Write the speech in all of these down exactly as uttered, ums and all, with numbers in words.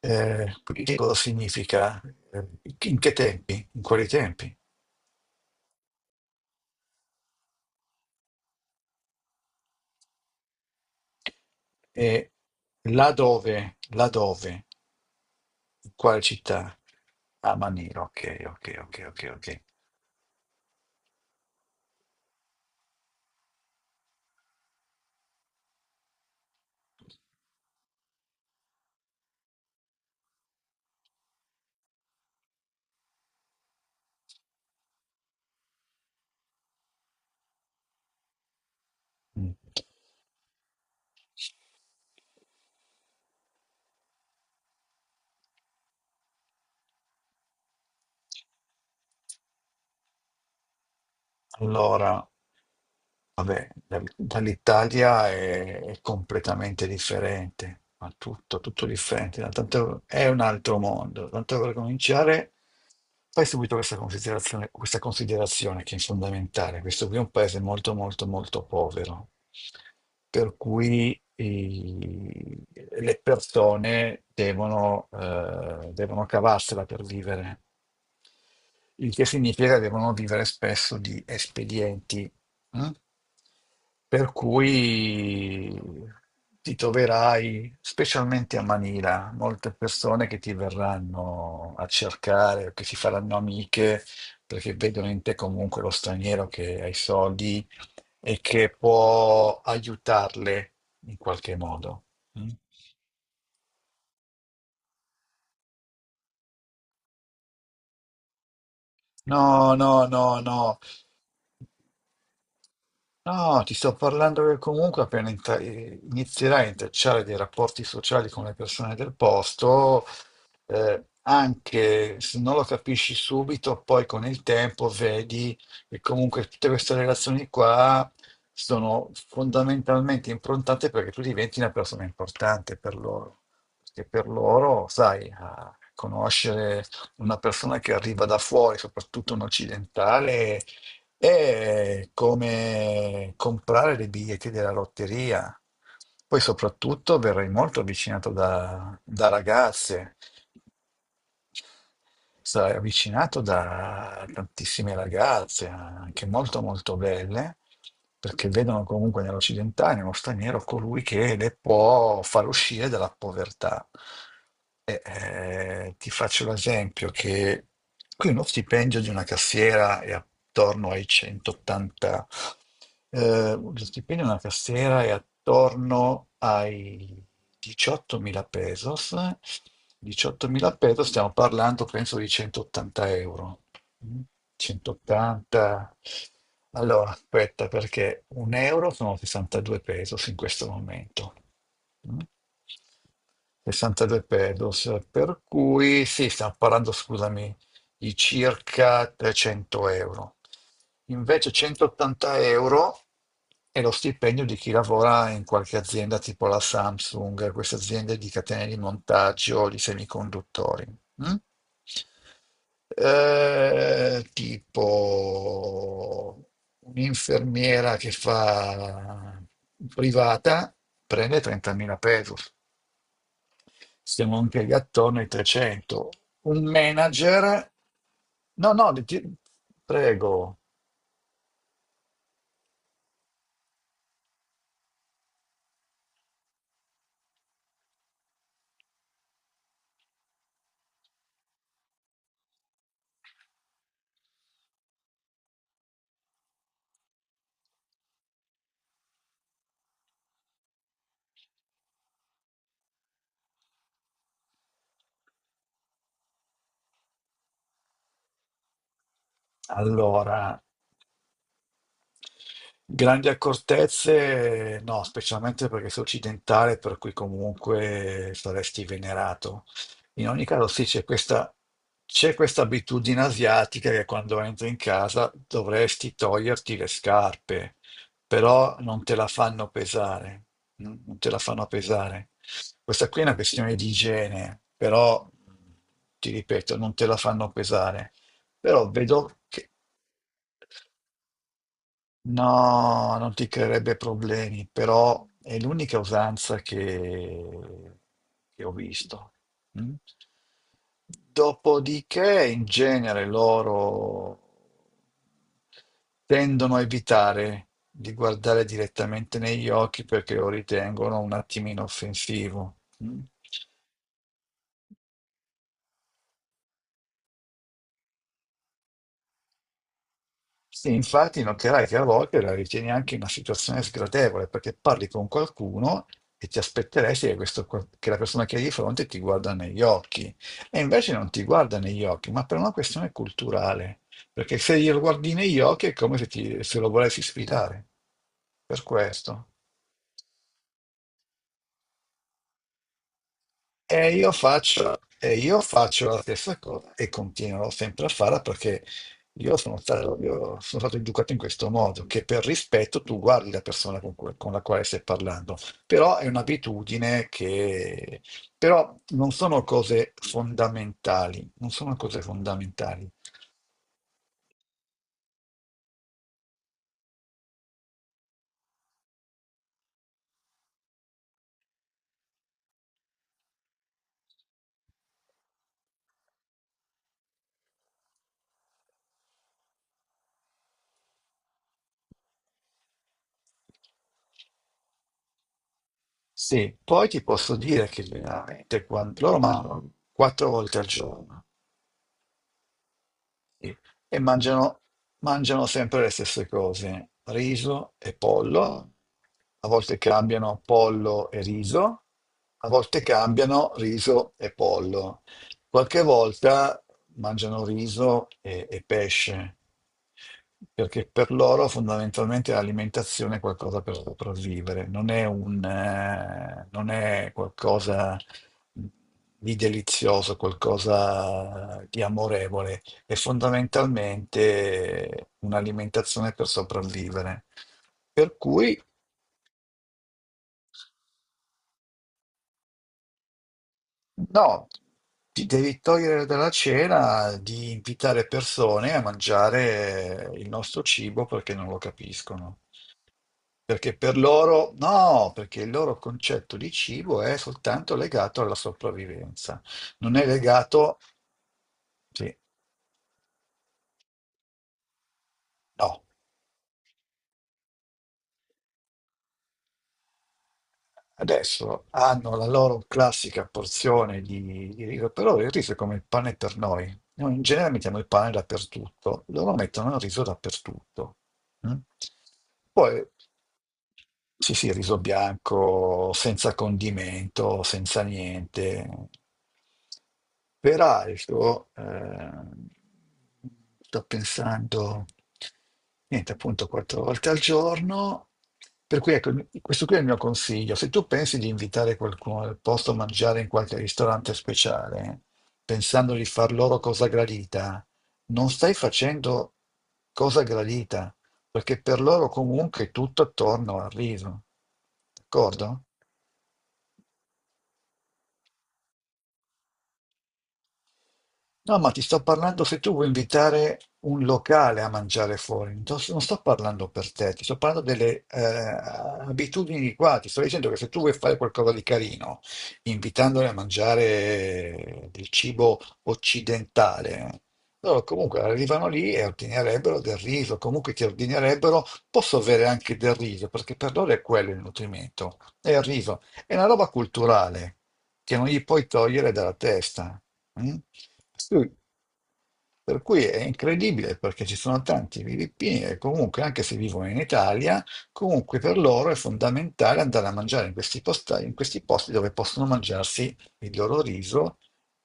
Eh, quindi questo significa eh, in che tempi, in quali tempi e là dove, là dove, in quale città? A Manila, ok, ok, ok, ok, ok. Mm. Allora, vabbè, da- dall'Italia è, è completamente differente, ma tutto, tutto differente, da tanto- è un altro mondo. Tanto per cominciare. Fai subito questa considerazione, questa considerazione che è fondamentale. Questo qui è un paese molto, molto, molto povero, per cui i- le persone devono, eh, devono cavarsela per vivere, il che significa che devono vivere spesso di espedienti, mm? Per cui ti troverai, specialmente a Manila, molte persone che ti verranno a cercare, che si faranno amiche, perché vedono in te comunque lo straniero che ha i soldi e che può aiutarle in qualche modo. Mm? No, no, no, no. No, ti sto parlando che comunque appena intra- eh, inizierai a intrecciare dei rapporti sociali con le persone del posto, eh, anche se non lo capisci subito, poi con il tempo vedi che comunque tutte queste relazioni qua sono fondamentalmente improntate perché tu diventi una persona importante per loro. Perché per loro, sai, a conoscere una persona che arriva da fuori, soprattutto un occidentale, è come comprare dei biglietti della lotteria. Poi soprattutto verrai molto avvicinato da, da ragazze, sarai avvicinato da tantissime ragazze, anche molto molto belle, perché vedono comunque nell'occidentale, nello straniero, colui che le può far uscire dalla povertà. E, eh, ti faccio l'esempio che qui uno stipendio di una cassiera è attorno ai centottantamila eh, lo stipendio della cassiera è attorno ai diciottomila pesos. diciottomila pesos, stiamo parlando penso di centottanta euro. Mm? centottanta. Allora, aspetta, perché un euro sono sessantadue pesos in questo momento. Mm? sessantadue pesos, per cui sì, stiamo parlando, scusami, di circa trecento euro. Invece centottanta euro è lo stipendio di chi lavora in qualche azienda tipo la Samsung, queste aziende di catene di montaggio di semiconduttori. Mm? Eh, tipo un'infermiera che fa privata prende trentamila pesos. Stiamo anche lì attorno ai trecento. Un manager? No, no, di- ti- prego. Allora. Grandi accortezze, no, specialmente perché sei occidentale, per cui comunque saresti venerato. In ogni caso, sì, c'è questa, c'è questa abitudine asiatica che quando entri in casa dovresti toglierti le scarpe, però non te la fanno pesare, mm, non te la fanno pesare. Questa qui è una questione di igiene, però ti ripeto, non te la fanno pesare. Però vedo che. No, non ti creerebbe problemi, però è l'unica usanza che, che ho visto. Mm? Dopodiché, in genere, loro tendono a evitare di guardare direttamente negli occhi perché lo ritengono un attimino offensivo. Mm? Sì, infatti noterai che a volte la ritieni anche una situazione sgradevole perché parli con qualcuno e ti aspetteresti che, questo qua- che la persona che hai di fronte ti guarda negli occhi e invece non ti guarda negli occhi, ma per una questione culturale, perché se glielo guardi negli occhi è come se, ti- se lo volessi sfidare. Per questo. E io faccio, e io faccio la stessa cosa e continuerò sempre a farla perché io sono stato, io sono stato educato in questo modo, che per rispetto tu guardi la persona con, cui- con la quale stai parlando, però è un'abitudine che... però non sono cose fondamentali, non sono cose fondamentali. Sì, poi ti posso dire che veramente quando... loro mangiano quattro volte al giorno. Sì. E mangiano, mangiano sempre le stesse cose, riso e pollo, a volte cambiano pollo e riso, a volte cambiano riso e pollo, qualche volta mangiano riso e, e pesce, perché per loro fondamentalmente l'alimentazione è qualcosa per sopravvivere, non è un, eh, non è qualcosa di delizioso, qualcosa di amorevole e fondamentalmente un'alimentazione per sopravvivere. Per cui, no, ti devi togliere dalla cena di invitare persone a mangiare il nostro cibo perché non lo capiscono. Perché per loro, no, perché il loro concetto di cibo è soltanto legato alla sopravvivenza, non è legato, sì, no. Adesso hanno la loro classica porzione di, di riso, però il riso è come il pane per noi. Noi in genere mettiamo il pane dappertutto, loro mettono il riso dappertutto. Mm? Poi sì, sì, riso bianco, senza condimento, senza niente. Peraltro, ehm, sto pensando, niente, appunto, quattro volte al giorno. Per cui, ecco, questo qui è il mio consiglio. Se tu pensi di invitare qualcuno al posto a mangiare in qualche ristorante speciale, pensando di far loro cosa gradita, non stai facendo cosa gradita perché per loro comunque è tutto attorno al riso, d'accordo? No, ma ti sto parlando se tu vuoi invitare un locale a mangiare fuori, non sto, non sto parlando per te, ti sto parlando delle eh, abitudini di qua, ti sto dicendo che se tu vuoi fare qualcosa di carino, invitandoli a mangiare del cibo occidentale, loro comunque arrivano lì e ordinerebbero del riso, comunque ti ordinerebbero, posso avere anche del riso, perché per loro è quello il nutrimento, è il riso, è una roba culturale che non gli puoi togliere dalla testa. Mm? Sì, per cui è incredibile perché ci sono tanti filippini che comunque, anche se vivono in Italia, comunque per loro è fondamentale andare a mangiare in questi posta- in questi posti dove possono mangiarsi il loro riso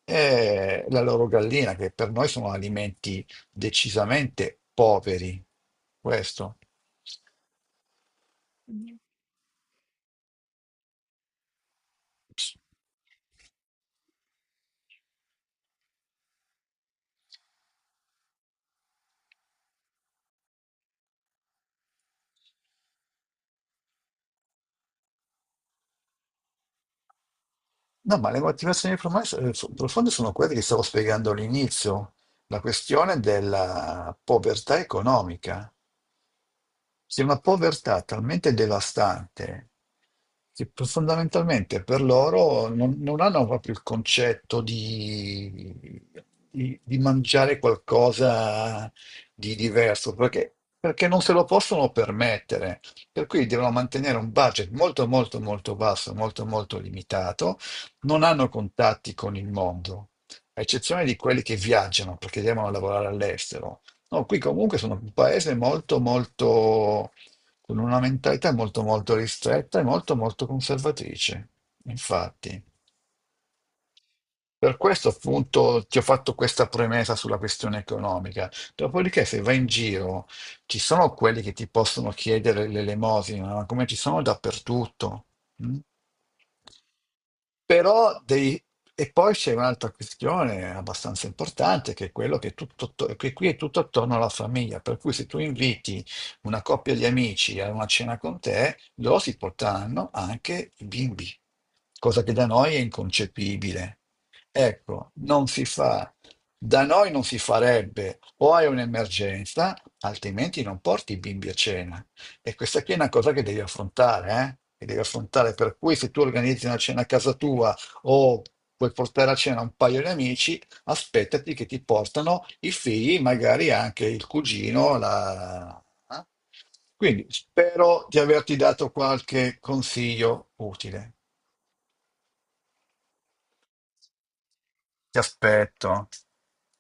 e la loro gallina, che per noi sono alimenti decisamente poveri. Questo. Mm. No, ma le motivazioni profonde so- eh, so- profonde sono quelle che stavo spiegando all'inizio, la questione della povertà economica. C'è una povertà talmente devastante che p- fondamentalmente per loro non, non hanno proprio il concetto di, di- di mangiare qualcosa di diverso, perché, perché non se lo possono permettere. Per cui devono mantenere un budget molto, molto, molto basso, molto, molto limitato. Non hanno contatti con il mondo, a eccezione di quelli che viaggiano perché devono lavorare all'estero. No, qui comunque sono un paese molto, molto, con una mentalità molto, molto ristretta e molto, molto conservatrice, infatti. Per questo appunto ti ho fatto questa premessa sulla questione economica. Dopodiché, se vai in giro, ci sono quelli che ti possono chiedere l'elemosina, ma come ci sono dappertutto. Mm? Però devi... E poi c'è un'altra questione abbastanza importante, che è quello che, tutto, atto- che qui è tutto attorno alla famiglia, per cui se tu inviti una coppia di amici a una cena con te, loro si porteranno anche i bimbi, cosa che da noi è inconcepibile. Ecco, non si fa. Da noi non si farebbe. O hai un'emergenza, altrimenti non porti i bimbi a cena. E questa qui è una cosa che devi affrontare, eh? Che devi affrontare. Per cui se tu organizzi una cena a casa tua o vuoi portare a cena un paio di amici, aspettati che ti portano i figli, magari anche il cugino, la... eh? Quindi spero di averti dato qualche consiglio utile. Ti aspetto.